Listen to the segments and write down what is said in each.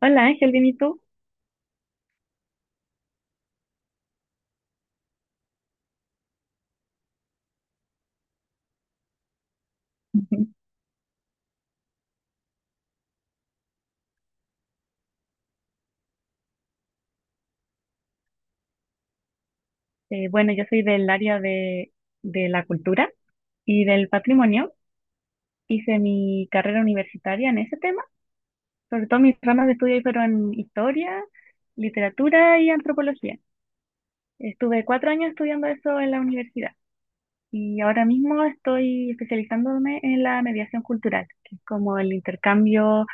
Hola Ángel, bien, ¿y tú? Bueno, yo soy de la cultura y del patrimonio. Hice mi carrera universitaria en ese tema. Sobre todo mis ramas de estudio ahí fueron historia, literatura y antropología. Estuve cuatro años estudiando eso en la universidad y ahora mismo estoy especializándome en la mediación cultural, que es como el intercambio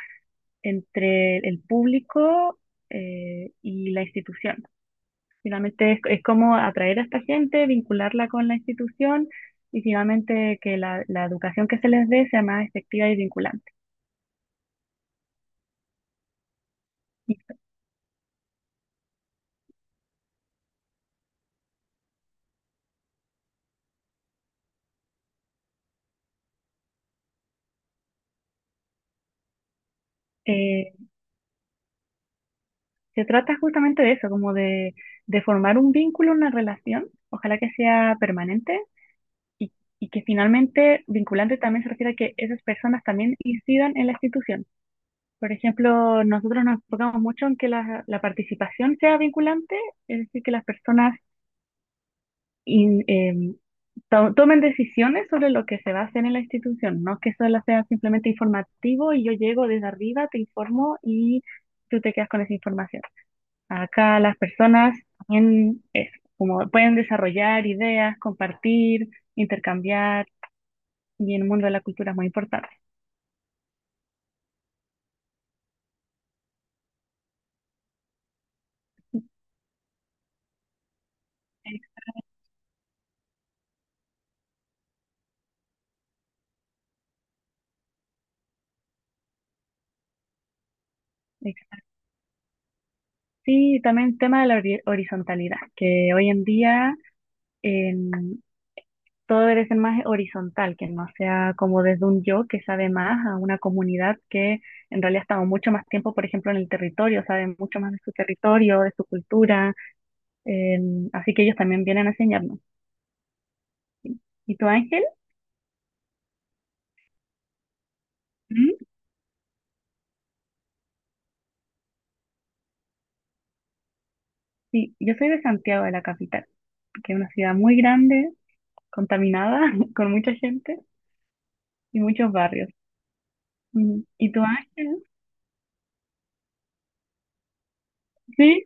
entre el público y la institución. Finalmente es como atraer a esta gente, vincularla con la institución y finalmente que la educación que se les dé sea más efectiva y vinculante. Y, eh, Se trata justamente de eso, de formar un vínculo, una relación, ojalá que sea permanente y, y que finalmente vinculante también se refiere a que esas personas también incidan en la institución. Por ejemplo, nosotros nos enfocamos mucho en que la participación sea vinculante, es decir, que las personas in- em, tomen decisiones sobre lo que se va a hacer en la institución, no que solo sea simplemente informativo y yo llego desde arriba, te informo y tú te quedas con esa información. Acá las personas también es como pueden desarrollar ideas, compartir, intercambiar y en el mundo de la cultura es muy importante. Ex- exacto. Sí, y también el tema de la horizontalidad, que hoy en día todo debe ser más horizontal, que no sea como desde un yo que sabe más a una comunidad que en realidad ha estado mucho más tiempo, por ejemplo, en el territorio, sabe mucho más de su territorio, de su cultura, eh, así que ellos también vienen a enseñarnos. ¿Y tú, Ángel? ¿Mm? Sí, yo soy de Santiago de la capital, que es una ciudad muy grande, contaminada, con mucha gente y muchos barrios. Mm, ¿y tú, Ángel? Sí.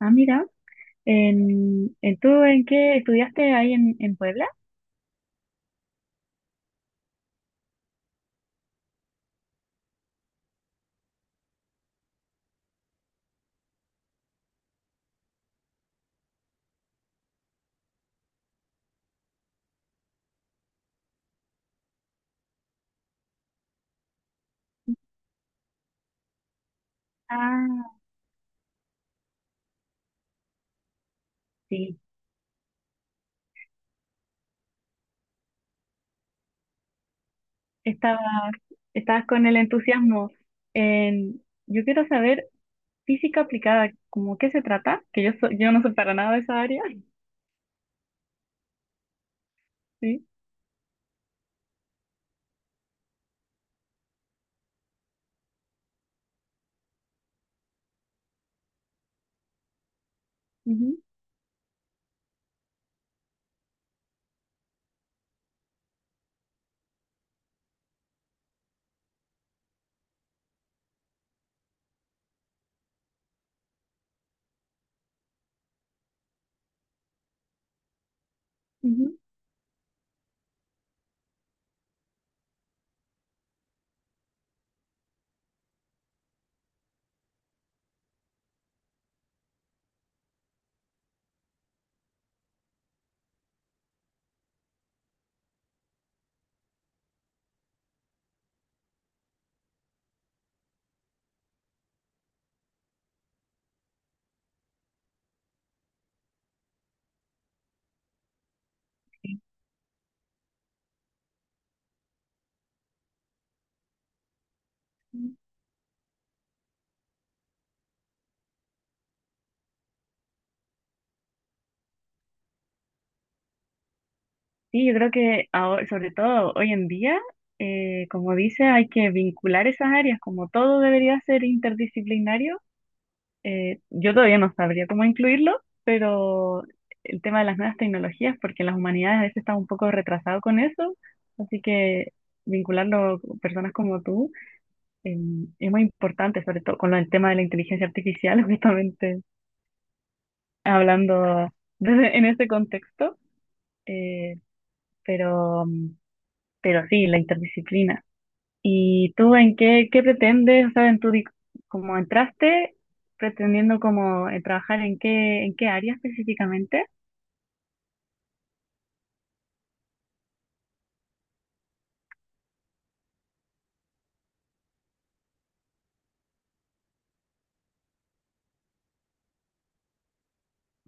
Ah, mira. ¿Tú en qué estudiaste en Puebla? Ah, sí. Estabas, estabas con el entusiasmo en, yo quiero saber física aplicada, ¿cómo qué se trata? Que yo, yo no soy para nada de esa área. Sí, ujú, ujú. Sí, yo creo que ahora, sobre todo hoy en día, como dice, hay que vincular esas áreas, como todo debería ser interdisciplinario. Yo todavía no sabría cómo incluirlo, pero el tema de las nuevas tecnologías, porque las humanidades a veces están un poco retrasados con eso, así que vincularlo con personas como tú eh, es muy importante, sobre todo con lo del tema de la inteligencia artificial, justamente hablando en ese contexto, eh, pero, pero sí, la interdisciplina. ¿Y tú en qué, qué pretendes? O sea, como entraste pretendiendo como trabajar en qué, ¿en qué área específicamente?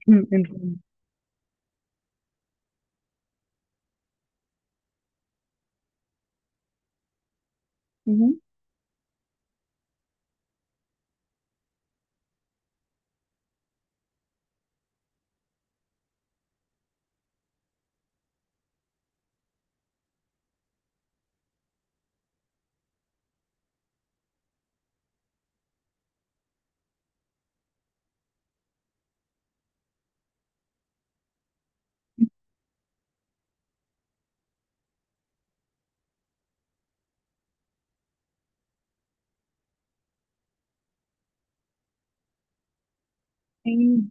Mm, en- Ujú. Sí,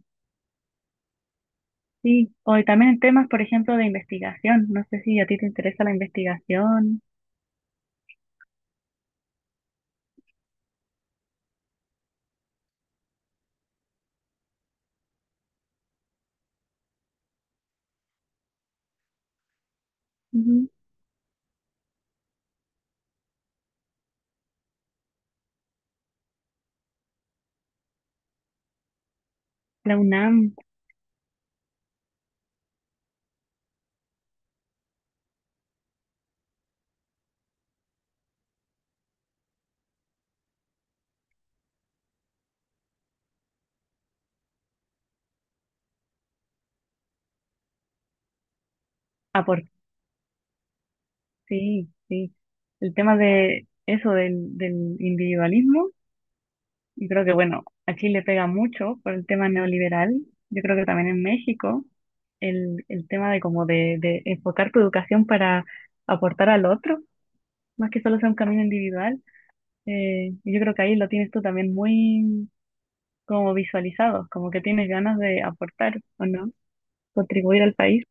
sí. O y también en temas, por ejemplo, de investigación. No sé si a ti te interesa la investigación. Ujú. La UNAM aporta. Sí, sí. El tema de eso, del individualismo. Yo creo que, bueno, a Chile pega mucho por el tema neoliberal. Yo creo que también en México el tema de de enfocar tu educación para aportar al otro, más que solo sea un camino individual. Yo creo que ahí lo tienes tú también muy como visualizado, como que tienes ganas de aportar o no, contribuir al país.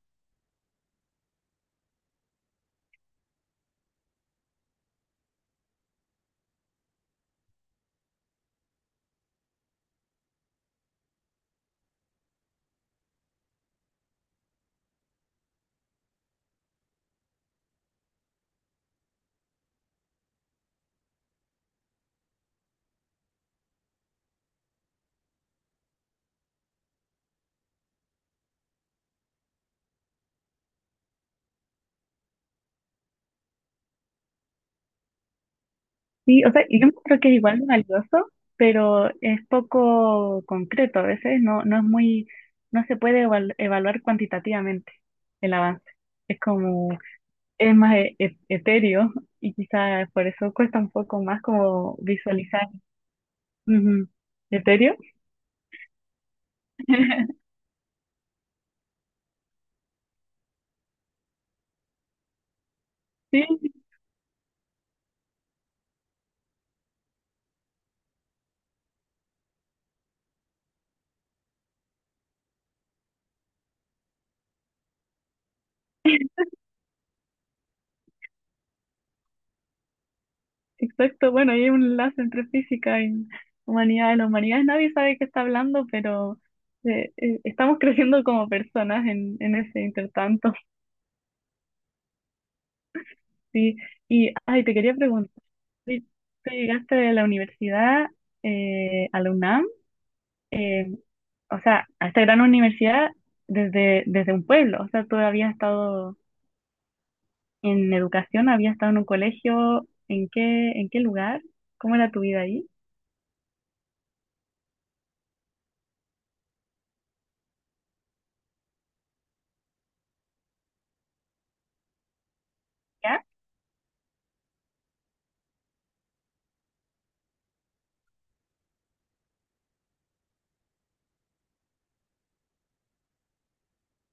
Sí, o sea, yo creo que es igual de valioso, pero es poco concreto a veces, no es muy, no se puede evaluar cuantitativamente el avance. Es como, es más etéreo y quizás por eso cuesta un poco más como visualizar. Ujú. ¿Etéreo? Sí, exacto. Bueno, hay un enlace entre física y humanidades. Las humanidades nadie sabe qué está hablando, pero estamos creciendo como personas en ese intertanto. Sí, y ay, te quería preguntar, ¿tú ¿tú llegaste de la universidad a la UNAM? eh, o sea, a esta gran universidad desde, desde un pueblo. O sea, tú habías estado en educación, habías estado en un colegio, ¿en qué lugar? ¿Cómo era tu vida ahí? ¿Ya?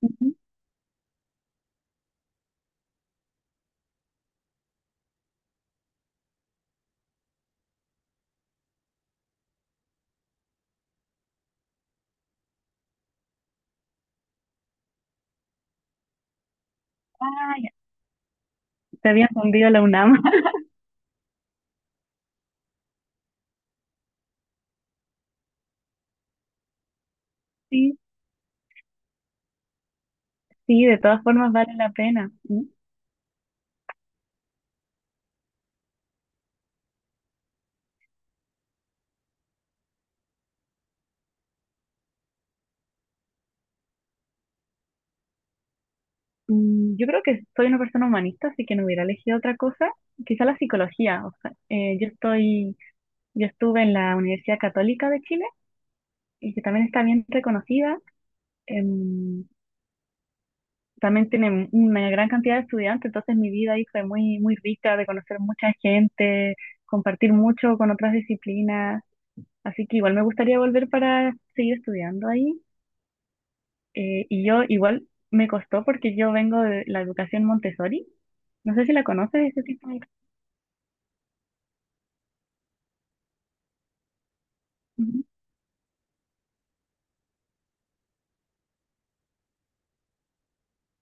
Ujú. Ah, ya. Te habías hundido la UNAM. Sí, sí, de todas formas vale la pena. Yo creo que soy una persona humanista, así que no hubiera elegido otra cosa, quizá la psicología. O sea, Yo estuve en la Universidad Católica de Chile y que también está bien reconocida. em, También tiene una gran cantidad de estudiantes, entonces mi vida ahí fue muy, muy rica de conocer mucha gente, compartir mucho con otras disciplinas. Así que igual me gustaría volver para seguir estudiando ahí. Y yo igual me costó porque yo vengo de la educación Montessori. No sé si la conoces, ese tipo de... Ujú.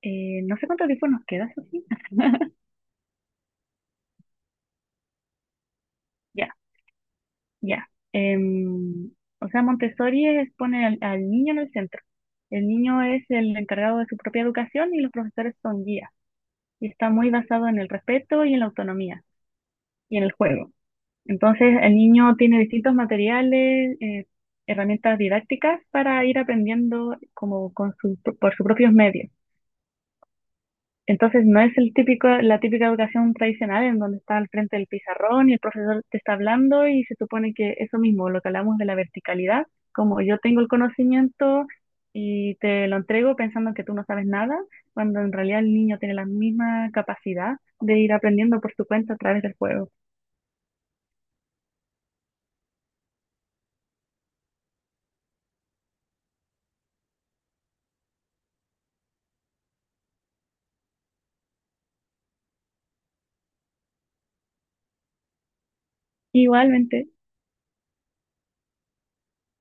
No sé cuánto tiempo nos queda. Ya. Ya. em, o sea, Montessori es poner al niño en el centro. El niño es el encargado de su propia educación y los profesores son guías. Y está muy basado en el respeto y en la autonomía y en el juego. Entonces, el niño tiene distintos materiales, herramientas didácticas para ir aprendiendo como por sus propios medios. Entonces no es el típico, la típica educación tradicional en donde está al frente del pizarrón y el profesor te está hablando y se supone que eso mismo, lo que hablamos de la verticalidad, como yo tengo el conocimiento y te lo entrego pensando que tú no sabes nada, cuando en realidad el niño tiene la misma capacidad de ir aprendiendo por su cuenta a través del juego. Igualmente.